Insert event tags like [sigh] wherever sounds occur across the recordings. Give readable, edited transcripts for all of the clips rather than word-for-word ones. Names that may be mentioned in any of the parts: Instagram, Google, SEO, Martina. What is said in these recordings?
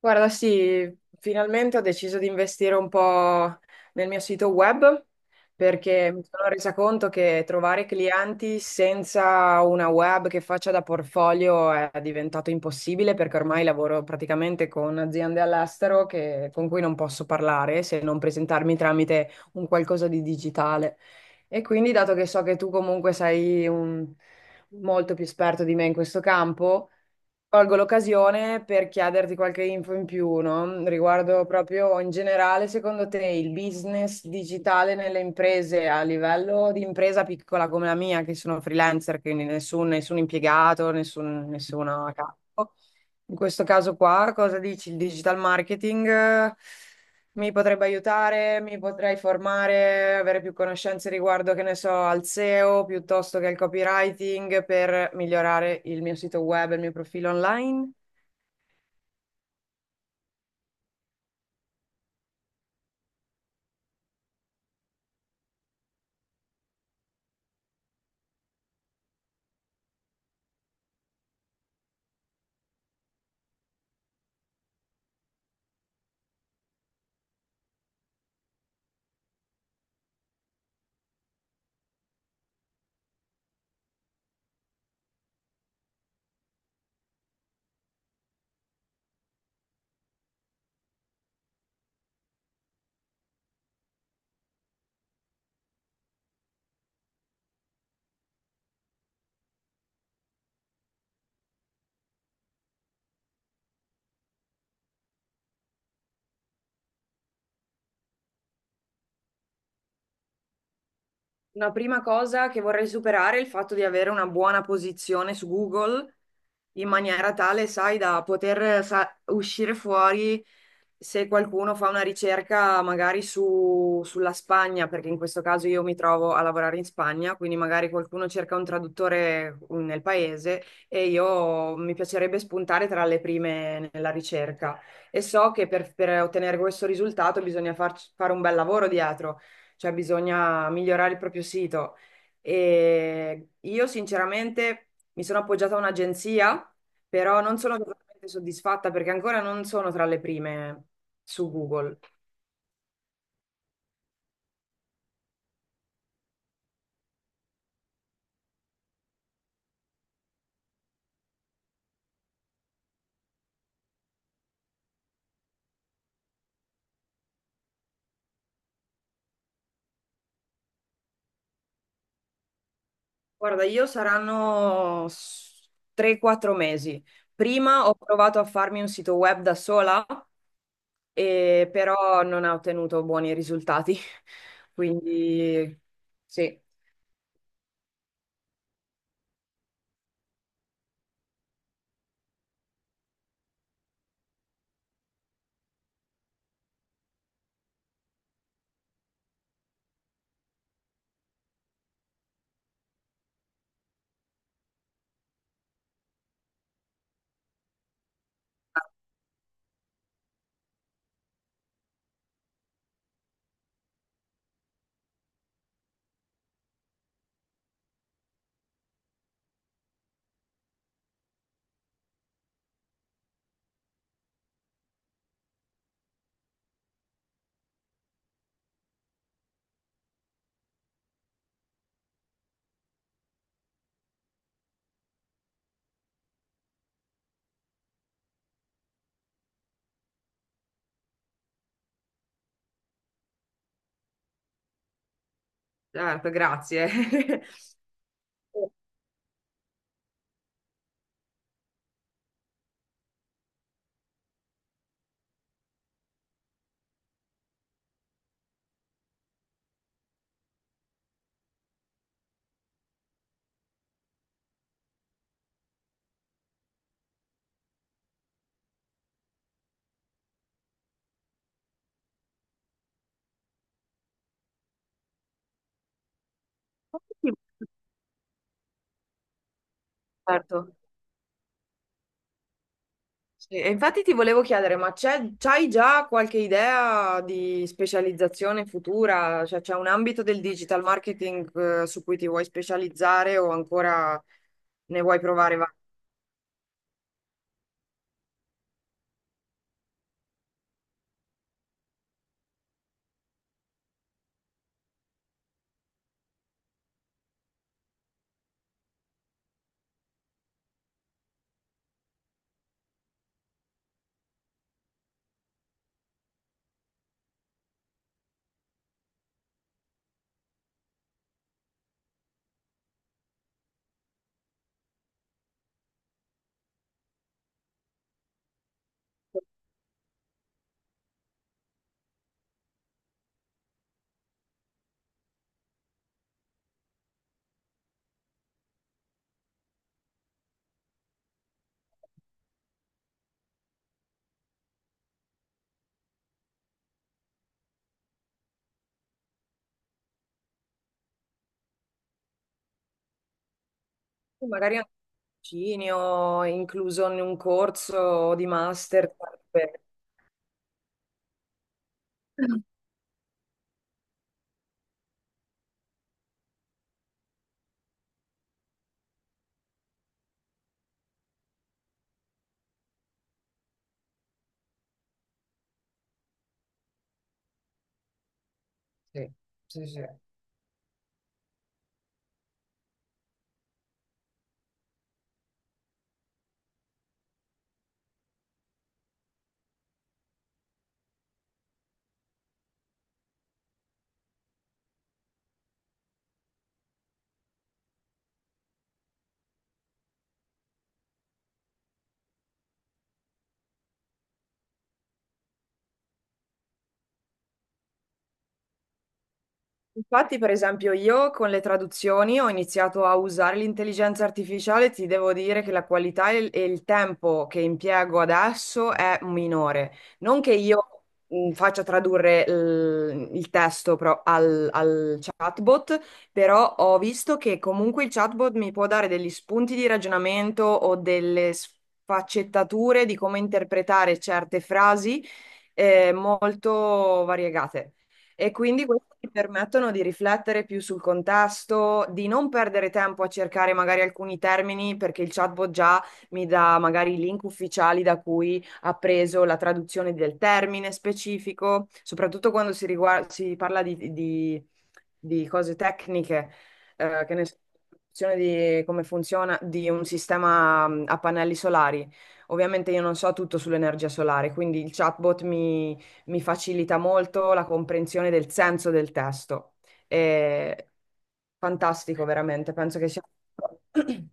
Guarda, sì, finalmente ho deciso di investire un po' nel mio sito web perché mi sono resa conto che trovare clienti senza una web che faccia da portfolio è diventato impossibile perché ormai lavoro praticamente con aziende all'estero con cui non posso parlare se non presentarmi tramite un qualcosa di digitale. E quindi, dato che so che tu comunque sei molto più esperto di me in questo campo, colgo l'occasione per chiederti qualche info in più, no? Riguardo proprio in generale, secondo te il business digitale nelle imprese a livello di impresa piccola come la mia, che sono freelancer, quindi nessun impiegato, nessun, nessuno a capo. In questo caso qua, cosa dici? Il digital marketing, mi potrebbe aiutare, mi potrei formare, avere più conoscenze riguardo, che ne so, al SEO piuttosto che al copywriting per migliorare il mio sito web e il mio profilo online. Una prima cosa che vorrei superare è il fatto di avere una buona posizione su Google in maniera tale, sai, da poter uscire fuori se qualcuno fa una ricerca magari sulla Spagna, perché in questo caso io mi trovo a lavorare in Spagna, quindi magari qualcuno cerca un traduttore nel paese e io mi piacerebbe spuntare tra le prime nella ricerca. E so che per ottenere questo risultato bisogna fare un bel lavoro dietro, cioè bisogna migliorare il proprio sito. E io sinceramente mi sono appoggiata a un'agenzia, però non sono totalmente soddisfatta perché ancora non sono tra le prime su Google. Guarda, io saranno 3-4 mesi. Prima ho provato a farmi un sito web da sola, e però non ho ottenuto buoni risultati. [laughs] Quindi sì, certo, grazie. [laughs] Certo. Sì, e infatti ti volevo chiedere, ma c'hai già qualche idea di specializzazione futura? Cioè, c'è un ambito del digital marketing, su cui ti vuoi specializzare o ancora ne vuoi provare vari? Magari anche un tirocinio, incluso in un corso di master. per- Sì, sì, sì. Infatti, per esempio, io con le traduzioni ho iniziato a usare l'intelligenza artificiale, ti devo dire che la qualità e il tempo che impiego adesso è minore. Non che io faccia tradurre il testo al chatbot, però ho visto che comunque il chatbot mi può dare degli spunti di ragionamento o delle sfaccettature di come interpretare certe frasi, molto variegate. E quindi questi ti permettono di riflettere più sul contesto, di non perdere tempo a cercare magari alcuni termini, perché il chatbot già mi dà magari i link ufficiali da cui ha preso la traduzione del termine specifico, soprattutto quando si parla di cose tecniche, che ne so, di come funziona di un sistema a pannelli solari. Ovviamente io non so tutto sull'energia solare, quindi il chatbot mi facilita molto la comprensione del senso del testo. È fantastico, veramente. Penso che sia. [clears throat]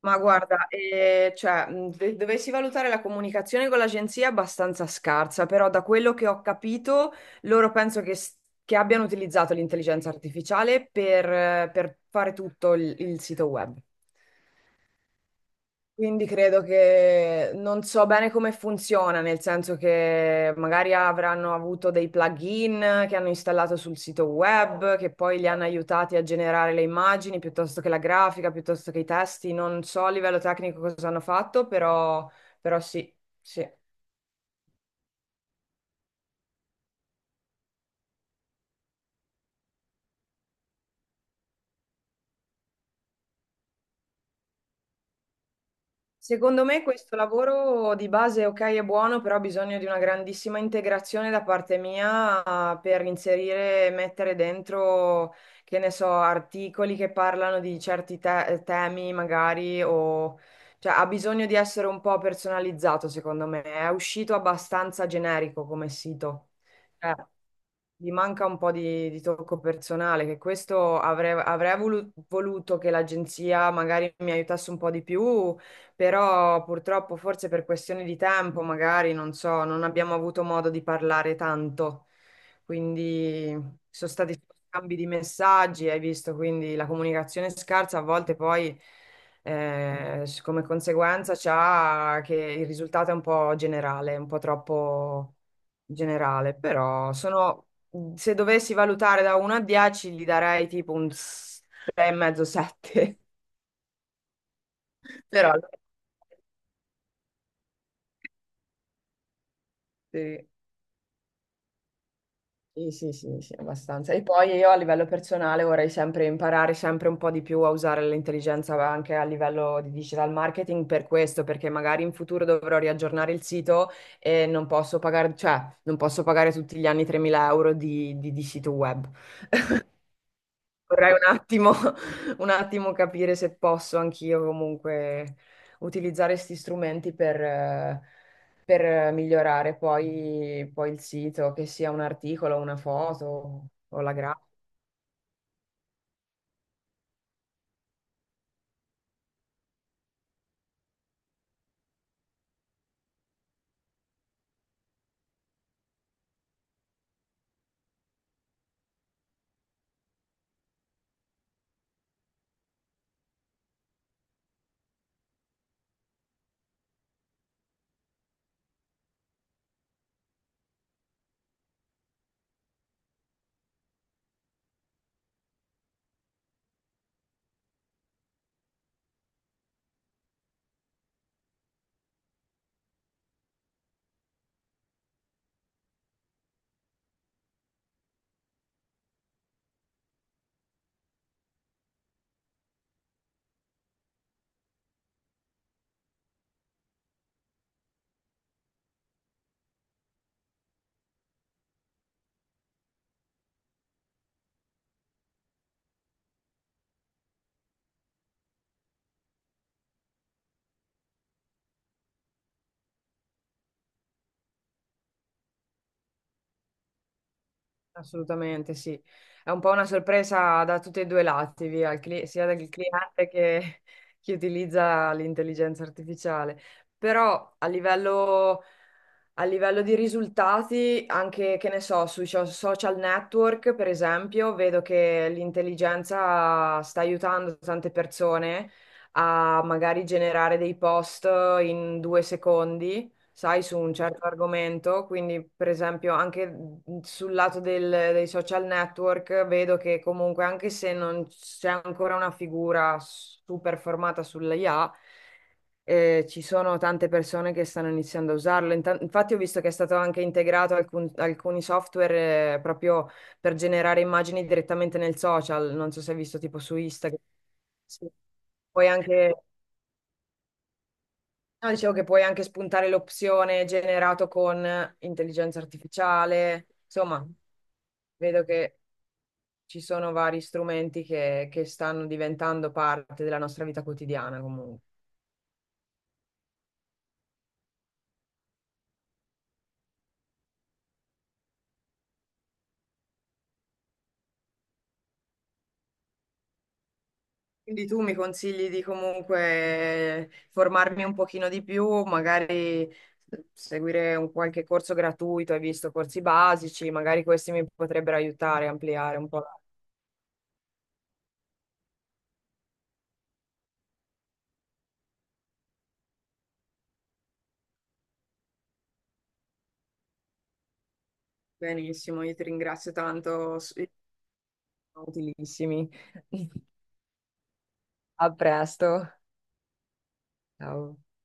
Ma guarda, cioè, dovessi valutare la comunicazione con l'agenzia è abbastanza scarsa, però da quello che ho capito, loro penso che abbiano utilizzato l'intelligenza artificiale per fare tutto il sito web. Quindi credo che non so bene come funziona, nel senso che magari avranno avuto dei plugin che hanno installato sul sito web, che poi li hanno aiutati a generare le immagini piuttosto che la grafica, piuttosto che i testi. Non so a livello tecnico cosa hanno fatto, però, sì, sì. Secondo me questo lavoro di base, ok, è buono, però ha bisogno di una grandissima integrazione da parte mia, per inserire, mettere dentro, che ne so, articoli che parlano di certi temi magari o... Cioè, ha bisogno di essere un po' personalizzato, secondo me. È uscito abbastanza generico come sito. Eh. Gli manca un po' di tocco personale, che questo avrei voluto che l'agenzia magari mi aiutasse un po' di più, però purtroppo forse per questioni di tempo, magari, non so, non abbiamo avuto modo di parlare tanto. Quindi sono stati scambi di messaggi, hai visto, quindi la comunicazione scarsa a volte poi, come conseguenza c'ha che il risultato è un po' generale, un po' troppo generale, però sono Mm. se dovessi valutare da 1 a 10, gli darei tipo un 6,5, 7. [laughs] Però sì, sì, sì, sì, sì, abbastanza. E poi io a livello personale vorrei sempre imparare sempre un po' di più a usare l'intelligenza anche a livello di digital marketing per questo, perché magari in futuro dovrò riaggiornare il sito e non posso pagare, cioè, non posso pagare tutti gli anni 3.000 euro di sito web. Vorrei un attimo, [laughs] un attimo capire se posso anch'io comunque utilizzare questi strumenti per migliorare poi il sito, che sia un articolo, una foto o la grafica. Assolutamente sì. È un po' una sorpresa da tutti e due i lati, via, il sia dal cliente che chi utilizza l'intelligenza artificiale. Però a livello A livello di risultati, anche che ne so, sui social network, per esempio, vedo che l'intelligenza sta aiutando tante persone a magari generare dei post in 2 secondi, sai, su un certo argomento. Quindi, per esempio, anche sul lato dei social network, vedo che comunque, anche se non c'è ancora una figura super formata sull'IA, ci sono tante persone che stanno iniziando a usarlo. Infatti ho visto che è stato anche integrato alcuni software proprio per generare immagini direttamente nel social. Non so se hai visto tipo su Instagram. Sì. Puoi anche, no, dicevo che puoi anche spuntare l'opzione generato con intelligenza artificiale. Insomma, vedo che ci sono vari strumenti che stanno diventando parte della nostra vita quotidiana comunque. Quindi tu mi consigli di comunque formarmi un pochino di più, magari eh, seguire un qualche corso gratuito, hai visto corsi basici, magari questi mi potrebbero aiutare a ampliare un po'. Benissimo, io ti ringrazio tanto, sono utilissimi. [laughs] A presto. Ciao.